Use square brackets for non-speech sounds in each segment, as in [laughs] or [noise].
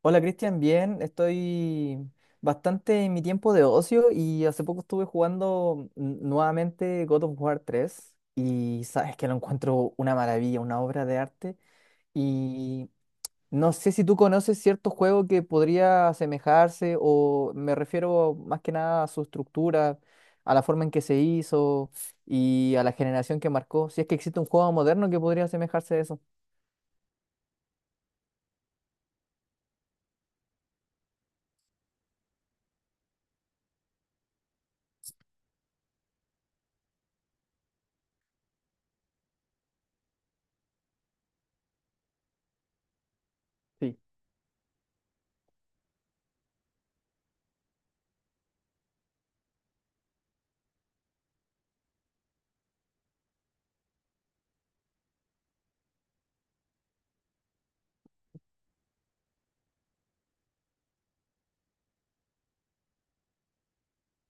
Hola Cristian, bien, estoy bastante en mi tiempo de ocio y hace poco estuve jugando nuevamente God of War tres, y sabes que lo encuentro una maravilla, una obra de arte. Y no sé si tú conoces cierto juego que podría asemejarse, o me refiero más que nada a su estructura, a la forma en que se hizo y a la generación que marcó, si es que existe un juego moderno que podría asemejarse a eso. Sí.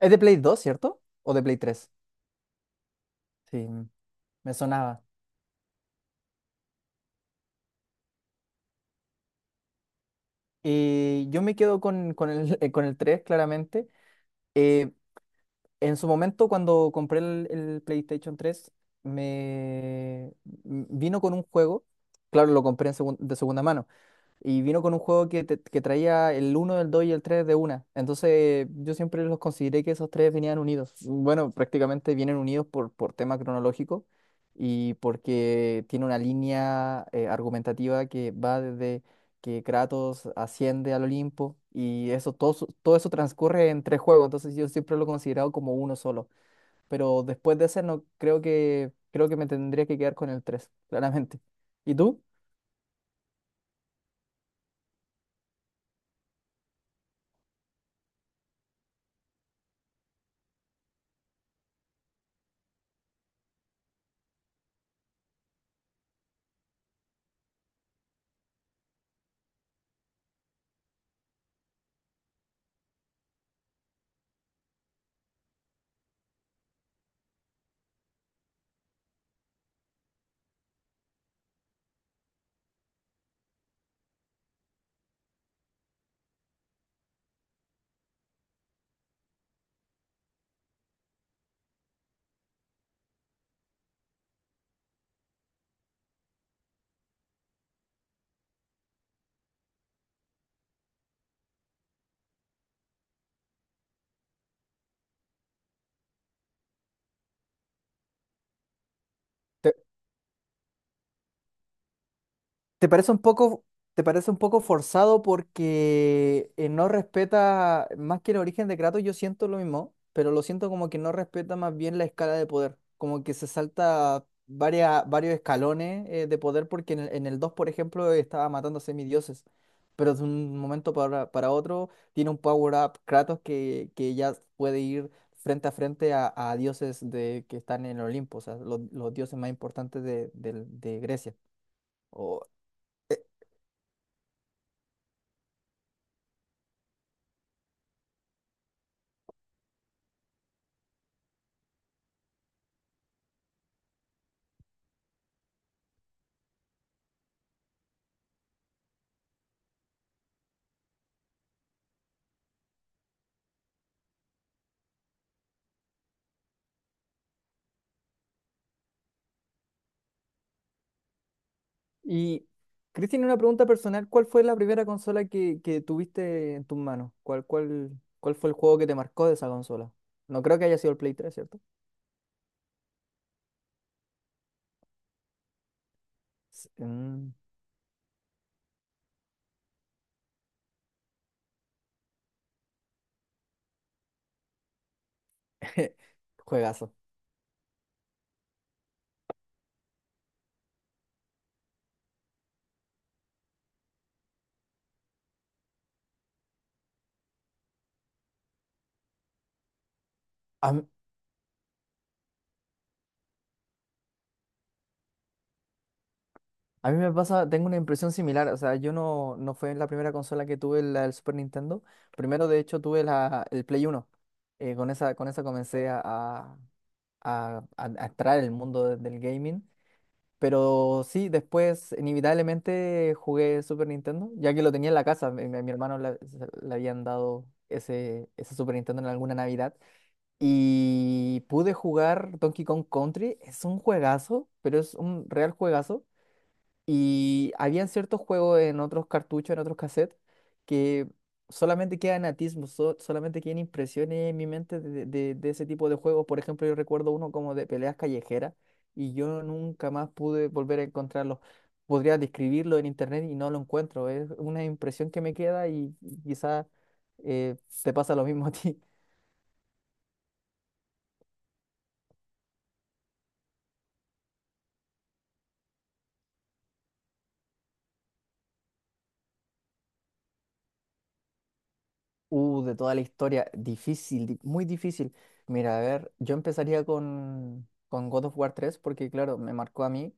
¿Es de Play dos, cierto? ¿O de Play tres? Sí, me sonaba. Yo me quedo con el, [laughs] con el 3 claramente. Eh, en su momento, cuando compré el PlayStation tres me vino con un juego, claro, lo compré en de segunda mano, y vino con un juego que, que traía el uno, el 2 y el 3 de una. Entonces yo siempre los consideré que esos tres venían unidos. Bueno, prácticamente vienen unidos por tema cronológico y porque tiene una línea argumentativa que va desde que Kratos asciende al Olimpo y eso todo, todo eso transcurre en tres juegos. Entonces yo siempre lo he considerado como uno solo. Pero después de ese no creo que me tendría que quedar con el 3 [laughs] claramente. ¿Y tú? Te parece un poco, Te parece un poco forzado porque no respeta, más que el origen de Kratos, yo siento lo mismo, pero lo siento como que no respeta más bien la escala de poder, como que se salta varias, varios escalones de poder, porque en el 2, por ejemplo, estaba matando a semidioses, pero de un momento para otro tiene un power-up Kratos que ya puede ir frente a frente a dioses de, que están en el Olimpo, o sea, los dioses más importantes de, de Grecia. Y Cristian, una pregunta personal, ¿cuál fue la primera consola que tuviste en tus manos? ¿Cuál, cuál, cuál fue el juego que te marcó de esa consola? No creo que haya sido el Play 3, ¿cierto? Mm, [laughs] juegazo. A mí, a mí me pasa, tengo una impresión similar, o sea, yo no, no fue la primera consola que tuve la del Super Nintendo. Primero, de hecho, tuve el Play Uno. Con esa, con esa comencé a, a- a entrar en el mundo del gaming. Pero sí, después inevitablemente jugué Super Nintendo, ya que lo tenía en la casa. Mi, mi hermano le habían dado ese, ese Super Nintendo en alguna Navidad. Y pude jugar Donkey Kong Country. Es un juegazo, pero es un real juegazo. Y habían ciertos juegos en otros cartuchos, en otros cassettes, que solamente quedan atismos, solamente quedan impresiones en mi mente de, de ese tipo de juegos. Por ejemplo, yo recuerdo uno como de peleas callejeras, y yo nunca más pude volver a encontrarlo. Podría describirlo en internet y no lo encuentro. Es una impresión que me queda y quizás te pasa lo mismo a ti. De toda la historia, difícil, muy difícil. Mira, a ver, yo empezaría con God of War tres porque, claro, me marcó a mí.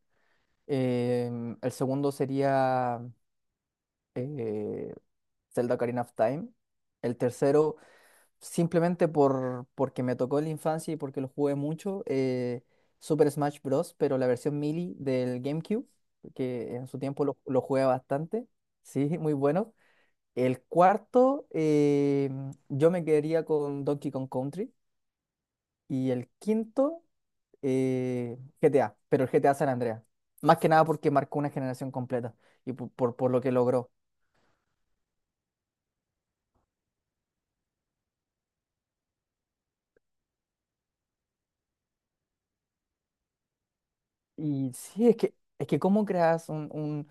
El segundo sería eh, Zelda Ocarina of Time. El tercero, simplemente por, porque me tocó en la infancia y porque lo jugué mucho, Super Smash Bros., pero la versión Melee del GameCube, que en su tiempo lo jugué bastante. Sí, [laughs] muy bueno. El cuarto, yo me quedaría con Donkey Kong Country. Y el quinto, GTA, pero el GTA San Andreas. Más que nada porque marcó una generación completa y por, por lo que logró. Y sí, es que cómo creas un,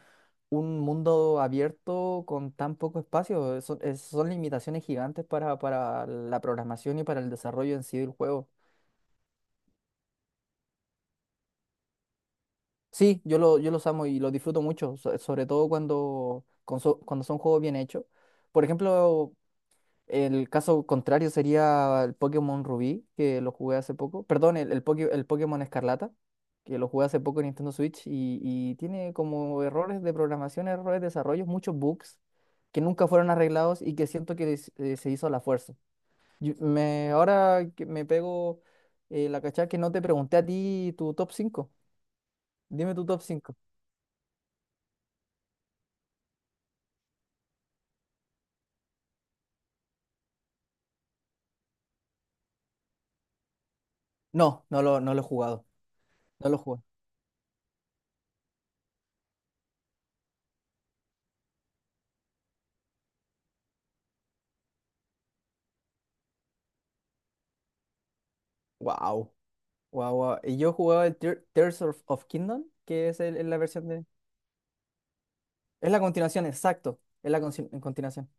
un mundo abierto con tan poco espacio. Son, son limitaciones gigantes para la programación y para el desarrollo en sí del juego. Sí, yo los amo y los disfruto mucho, sobre todo cuando, cuando son juegos bien hechos. Por ejemplo, el caso contrario sería el Pokémon Rubí, que lo jugué hace poco. Perdón, el Pokémon Escarlata, que lo jugué hace poco en Nintendo Switch, y tiene como errores de programación, errores de desarrollo, muchos bugs que nunca fueron arreglados y que siento que se hizo a la fuerza. Ahora que me pego la cachada que no te pregunté a ti tu top 5. Dime tu top 5. No, no lo he jugado. No lo jugué. Wow. Wow, wow. Y yo jugaba el Tears of, of Kingdom, que es la versión de. Es la continuación, exacto. Es la en continuación.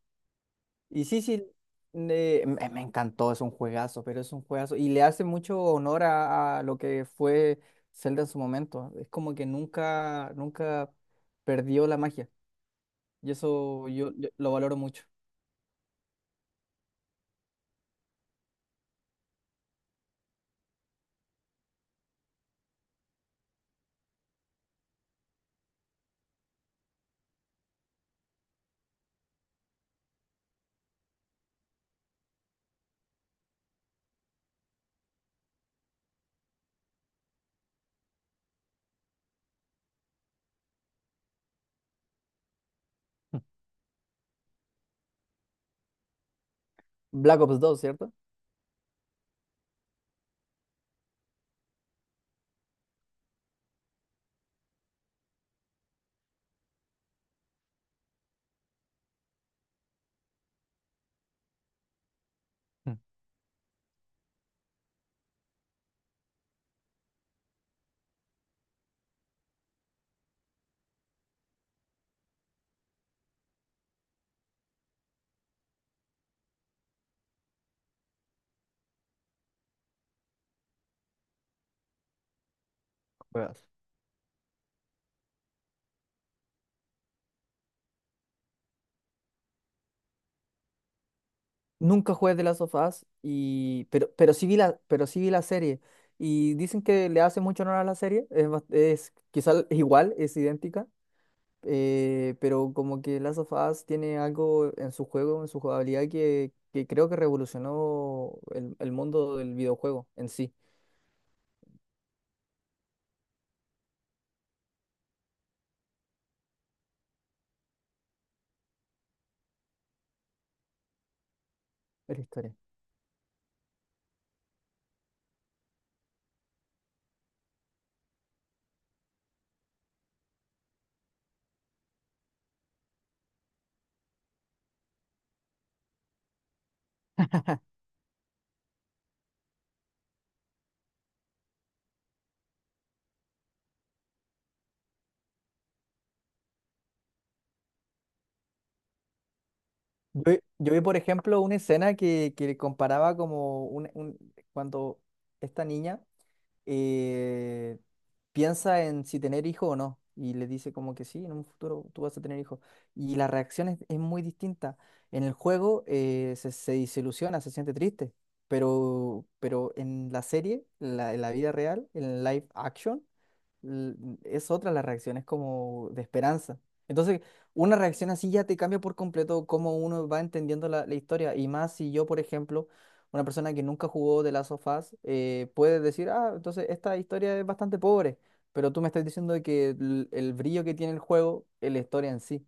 Y sí, sí. Me, me encantó, es un juegazo, pero es un juegazo. Y le hace mucho honor a lo que fue Zelda en su momento. Es como que nunca, nunca perdió la magia. Y eso yo, yo lo valoro mucho. ¿Black Ops dos, cierto? Mm. Juegazo. Nunca jugué de Last of Us, y, pero, sí vi la, pero sí vi la serie. Y dicen que le hace mucho honor a la serie. Es, es quizá [laughs] igual, es idéntica. Pero como que Last of Us tiene algo en su juego, en su jugabilidad, que creo que revolucionó el mundo del videojuego en sí, de la historia. Yo vi, por ejemplo, una escena que comparaba como un, cuando esta niña eh, piensa en si tener hijo o no. Y le dice como que sí, en un futuro tú vas a tener hijo. Y la reacción es muy distinta. En el juego se, se desilusiona, se siente triste. Pero en la serie, en la vida real, en live action, l- es otra la reacción, es como de esperanza. Entonces, una reacción así ya te cambia por completo cómo uno va entendiendo la, la historia. Y más si yo, por ejemplo, una persona que nunca jugó de Last of Us, puede decir, ah, entonces esta historia es bastante pobre, pero tú me estás diciendo de que el brillo que tiene el juego es la historia en sí.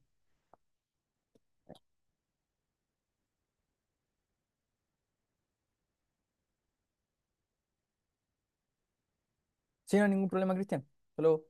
Sin ningún problema, Cristian. Hasta luego.